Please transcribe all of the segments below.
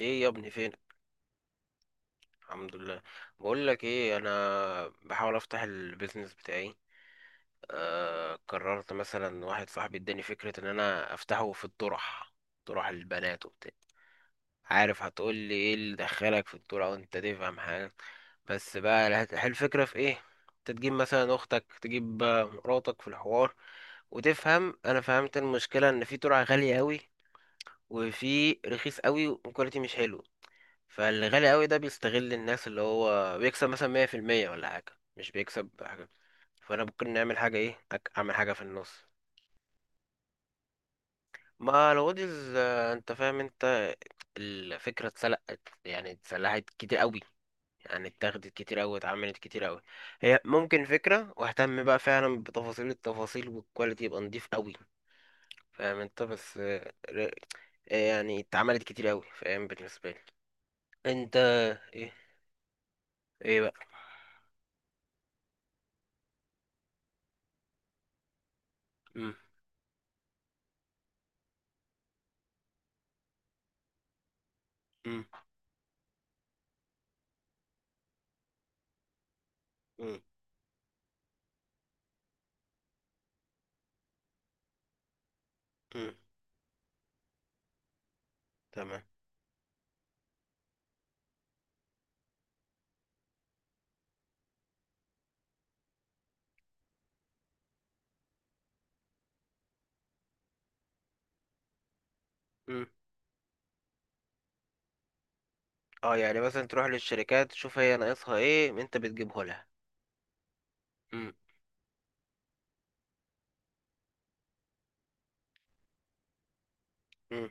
ايه يا ابني؟ فين؟ الحمد لله. بقول لك ايه، انا بحاول افتح البيزنس بتاعي. قررت مثلا، واحد صاحبي اداني فكرة ان انا افتحه في الطرح، طرح البنات وبتاع. عارف هتقول لي ايه اللي دخلك في الطرح وانت تفهم حاجة؟ بس بقى هل الفكرة في ايه؟ انت تجيب مثلا اختك، تجيب مراتك في الحوار وتفهم. انا فهمت المشكلة، ان في طرح غالي قوي، وفي رخيص قوي والكواليتي مش حلو. فالغالي قوي ده بيستغل الناس، اللي هو بيكسب مثلا 100% ولا حاجة، مش بيكسب حاجة. فأنا ممكن نعمل حاجة إيه، أعمل حاجة في النص. ما الوديز، أنت فاهم. الفكرة اتسلقت، يعني اتسلحت كتير قوي، يعني اتاخدت كتير قوي، اتعملت كتير قوي. هي ممكن فكرة، واهتم بقى فعلا بتفاصيل التفاصيل والكواليتي، يبقى نضيف قوي. فاهم أنت؟ بس يعني اتعملت كتير قوي، فاهم بالنسبة لي. أنت؟ إيه؟ إيه بقى؟ مم. مم. مم. مم. تمام. مم. اه يعني مثلا تروح للشركات، تشوف هي ناقصها ايه انت بتجيبه لها. مم. مم.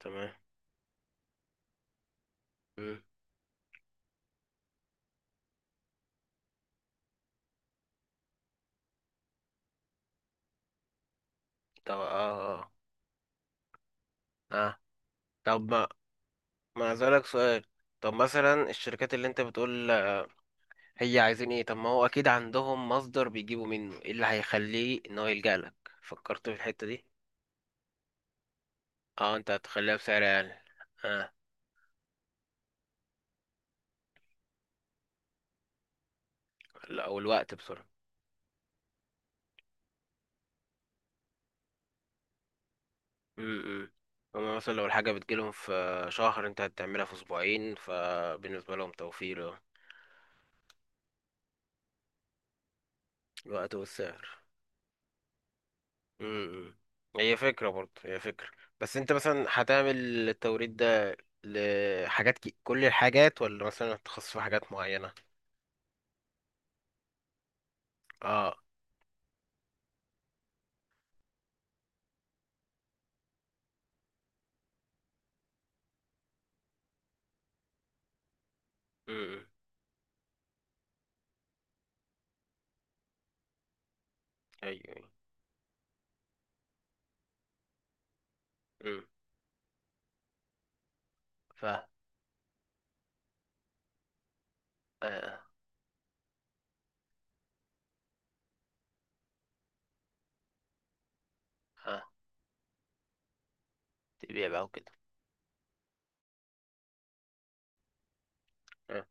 تمام. مم. طب اه طب ما اسالك سؤال. طب مثلا الشركات اللي انت بتقول، هي عايزين ايه؟ طب ما هو اكيد عندهم مصدر بيجيبوا منه، ايه اللي هيخليه ان هو يلجأ لك؟ فكرت في الحتة دي؟ اه انت هتخليها بسعر اقل. اه. لا، او الوقت بسرعة. امم. هما مثلا لو الحاجة بتجيلهم في شهر، انت هتعملها في اسبوعين، فبالنسبة لهم توفير. اه. الوقت والسعر. امم. هي فكرة برضه، هي فكرة. بس انت مثلا هتعمل التوريد ده لحاجات كل الحاجات، ولا مثلا هتخصص في حاجات معينة؟ اه. امم. ايوه. امم. ف، اه اه تبيع بقى وكده. آه.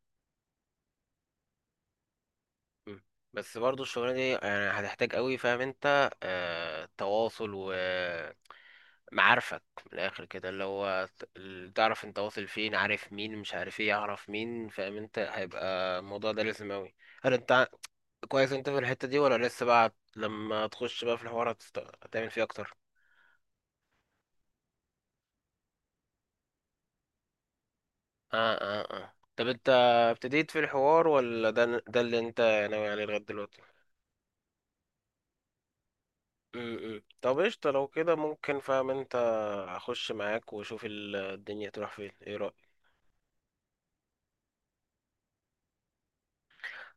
مم. بس برضه الشغلانة دي يعني هتحتاج قوي، فاهم انت، تواصل و معارفك من الاخر كده، اللي هو اللي تعرف انت واصل فين، عارف مين، مش عارف ايه، يعرف مين، فاهم انت، هيبقى الموضوع ده لازم اوي. هل انت كويس انت في الحتة دي، ولا لسه بقى لما تخش بقى في الحوار هتعمل فيه اكتر؟ اه طب انت ابتديت في الحوار، ولا ده اللي انت ناوي عليه لغاية دلوقتي؟ امم. طب قشطة، لو كده ممكن، فاهم انت، اخش معاك واشوف الدنيا تروح فين. ايه رأيك؟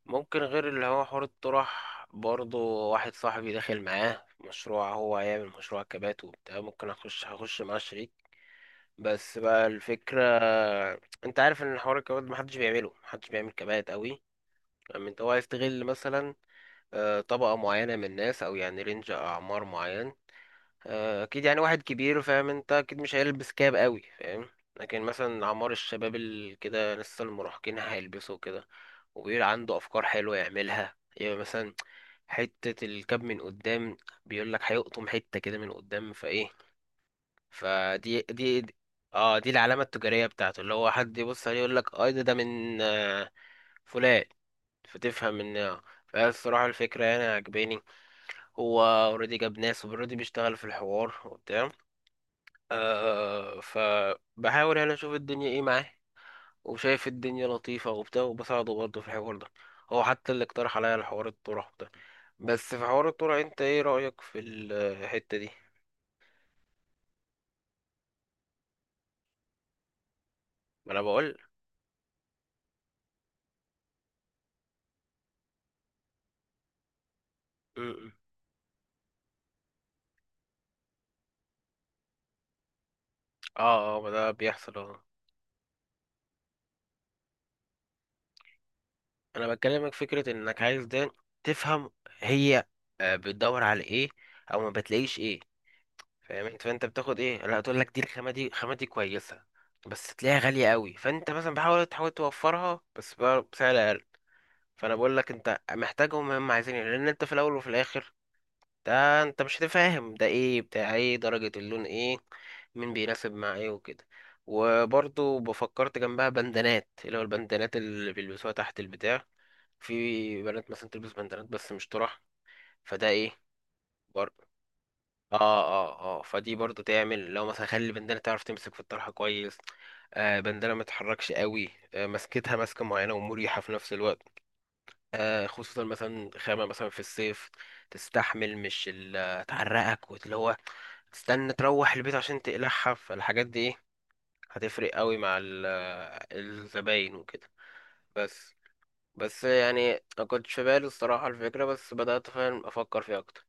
ممكن غير اللي هو حوار الطرح برضه، واحد صاحبي داخل معاه في مشروع، هو هيعمل مشروع كبات وبتاع، ممكن هخش معاه شريك. بس بقى الفكرة، انت عارف ان حوار الكبات محدش بيعمله، محدش بيعمل كبات قوي. لما انت هو هيستغل مثلا طبقة معينة من الناس، او يعني رينج اعمار معين. اكيد يعني واحد كبير، فاهم انت، اكيد مش هيلبس كاب قوي، فاهم. لكن مثلا اعمار الشباب اللي كده لسه المراهقين هيلبسوا كده، وبيبقى عنده افكار حلوة يعملها. يبقى مثلا حتة الكاب من قدام، بيقول لك هيقطم حتة كده من قدام فايه. فدي دي دي- اه دي العلامة التجارية بتاعته، اللي هو حد يبص عليه يقول لك اه ده من فلان. فتفهم ان فالصراحة الفكرة يعني عجباني. هو اوريدي جاب ناس، اوريدي بيشتغل في الحوار وبتاع، فبحاول يعني اشوف الدنيا ايه معاه، وشايف الدنيا لطيفة وبتاع، وبساعده برضه في الحوار ده. هو حتى اللي اقترح عليا الحوار، الطرح ده. بس في حوار الطرح، انت ايه رأيك في الحتة دي؟ ما انا بقول. م- م. اه ما ده بيحصل. اه. انا بكلمك فكرة انك عايز ده تفهم هي بتدور على ايه، او ما بتلاقيش ايه، فاهم انت. فانت بتاخد ايه لا، تقول لك دي الخامة، دي كويسة، بس تلاقيها غالية قوي. فانت مثلا تحاول توفرها بس بقى بسعر اقل. فانا بقول لك انت محتاجهم، هم عايزين إيه، لان انت في الاول وفي الاخر ده، انت مش هتفهم ده ايه، بتاع ايه، درجة اللون ايه، مين بيناسب مع ايه، وكده. وبرضو بفكرت جنبها بندانات، اللي هو البندانات اللي بيلبسوها تحت البتاع. في بنات مثلا تلبس بندانات بس مش طرح. فده ايه؟ برضو. اه. اه فدي برضو تعمل، لو مثلا خلي البندانة تعرف تمسك في الطرحة كويس، بندانة ما تتحركش قوي، مسكتها ماسكة معينة ومريحة في نفس الوقت. خصوصا مثلا خامة مثلا في الصيف تستحمل، مش تعرقك واللي هو تستنى تروح البيت عشان تقلعها. فالحاجات دي ايه، هتفرق قوي مع الزباين وكده. بس بس يعني ما كنتش في بالي الصراحة الفكرة، بس بدأت فعلا أفكر فيها أكتر.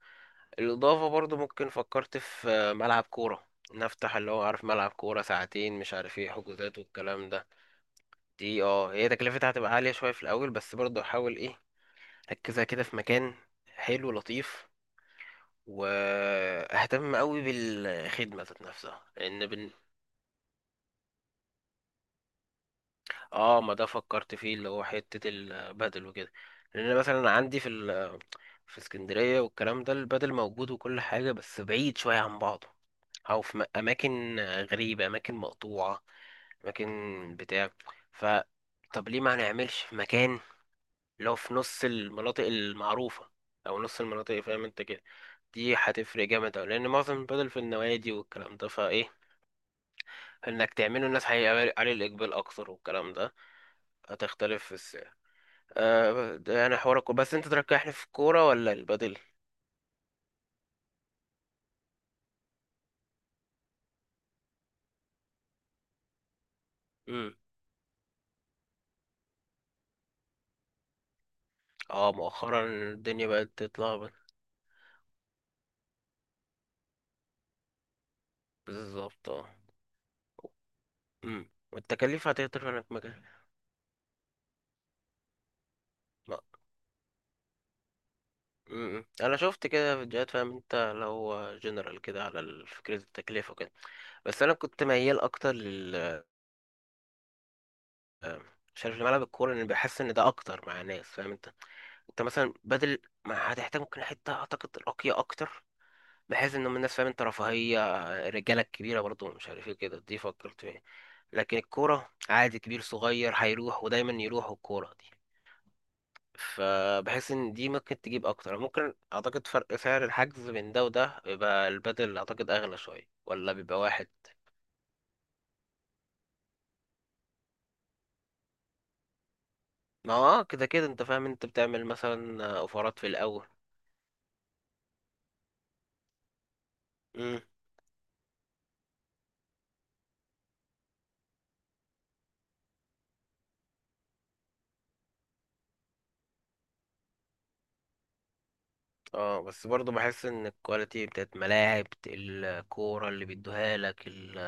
الإضافة برضو، ممكن فكرت في ملعب كورة، نفتح اللي هو، عارف، ملعب كورة ساعتين، مش عارف ايه، حجوزات والكلام ده. دي اه، هي تكلفتها هتبقى عالية شوية في الأول، بس برضو أحاول ايه، ركزها كده في مكان حلو لطيف، واهتم قوي بالخدمه ذات نفسها، لان اه ما ده فكرت فيه، اللي هو حته البدل وكده. لان مثلا عندي في في اسكندريه والكلام ده، البدل موجود وكل حاجه بس بعيد شويه عن بعضه، او في اماكن غريبه، اماكن مقطوعه، اماكن بتاع. ف، طب ليه ما نعملش في مكان اللي هو في نص المناطق المعروفة، أو نص المناطق، فاهم أنت كده. دي هتفرق جامد أوي، لأن معظم البدل في النوادي والكلام ده. فإيه، إنك تعمله الناس هيبقى عليه الإقبال أكتر والكلام ده. هتختلف في السعر. آه، ده يعني حوارك بس أنت تركحني في الكورة ولا البدل؟ مم. اه مؤخرا الدنيا بقت تتلخبط. بالظبط اه. مم. والتكاليف هتقدر انك مكان. لا. مم. انا شفت كده فيديوهات، فاهم انت، لو جنرال كده على فكرة التكلفة كده. بس انا كنت ميال اكتر لل، مش عارف، لملعب الكوره، لان بحس ان ده اكتر مع ناس، فاهم انت. انت مثلا بدل، ما هتحتاج ممكن حته اعتقد راقيه اكتر، بحيث ان هم الناس، فاهم انت، رفاهيه، الرجاله الكبيره برضو، مش عارف ايه، كده دي فكرت فيها. لكن الكوره عادي، كبير صغير هيروح، ودايما يروح الكوره دي. فبحس ان دي ممكن تجيب اكتر، ممكن اعتقد فرق سعر الحجز بين ده وده، بيبقى البدل اعتقد اغلى شويه، ولا بيبقى واحد؟ ما هو اه كده كده انت، فاهم انت، بتعمل مثلا اوفرات في الاول. مم. اه بس برضو بحس ان الكواليتي بتاعت ملاعب الكورة اللي بيدوها لك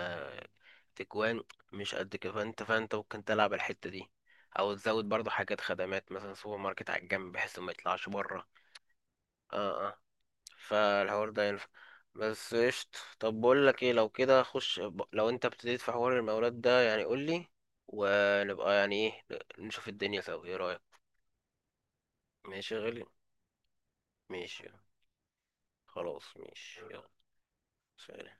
التجوان مش قد كده. فانت ممكن تلعب الحتة دي، او تزود برضو حاجات، خدمات مثلا سوبر ماركت على الجنب، بحيث ما يطلعش بره. اه فالحوار ده ينفع. بس قشط، طب بقول لك ايه، لو كده خش لو انت ابتديت في حوار المولات ده يعني قول لي، ونبقى يعني ايه، نشوف الدنيا سوا. ايه رأيك؟ ماشي يا غالي. ماشي. خلاص ماشي يلا. سلام.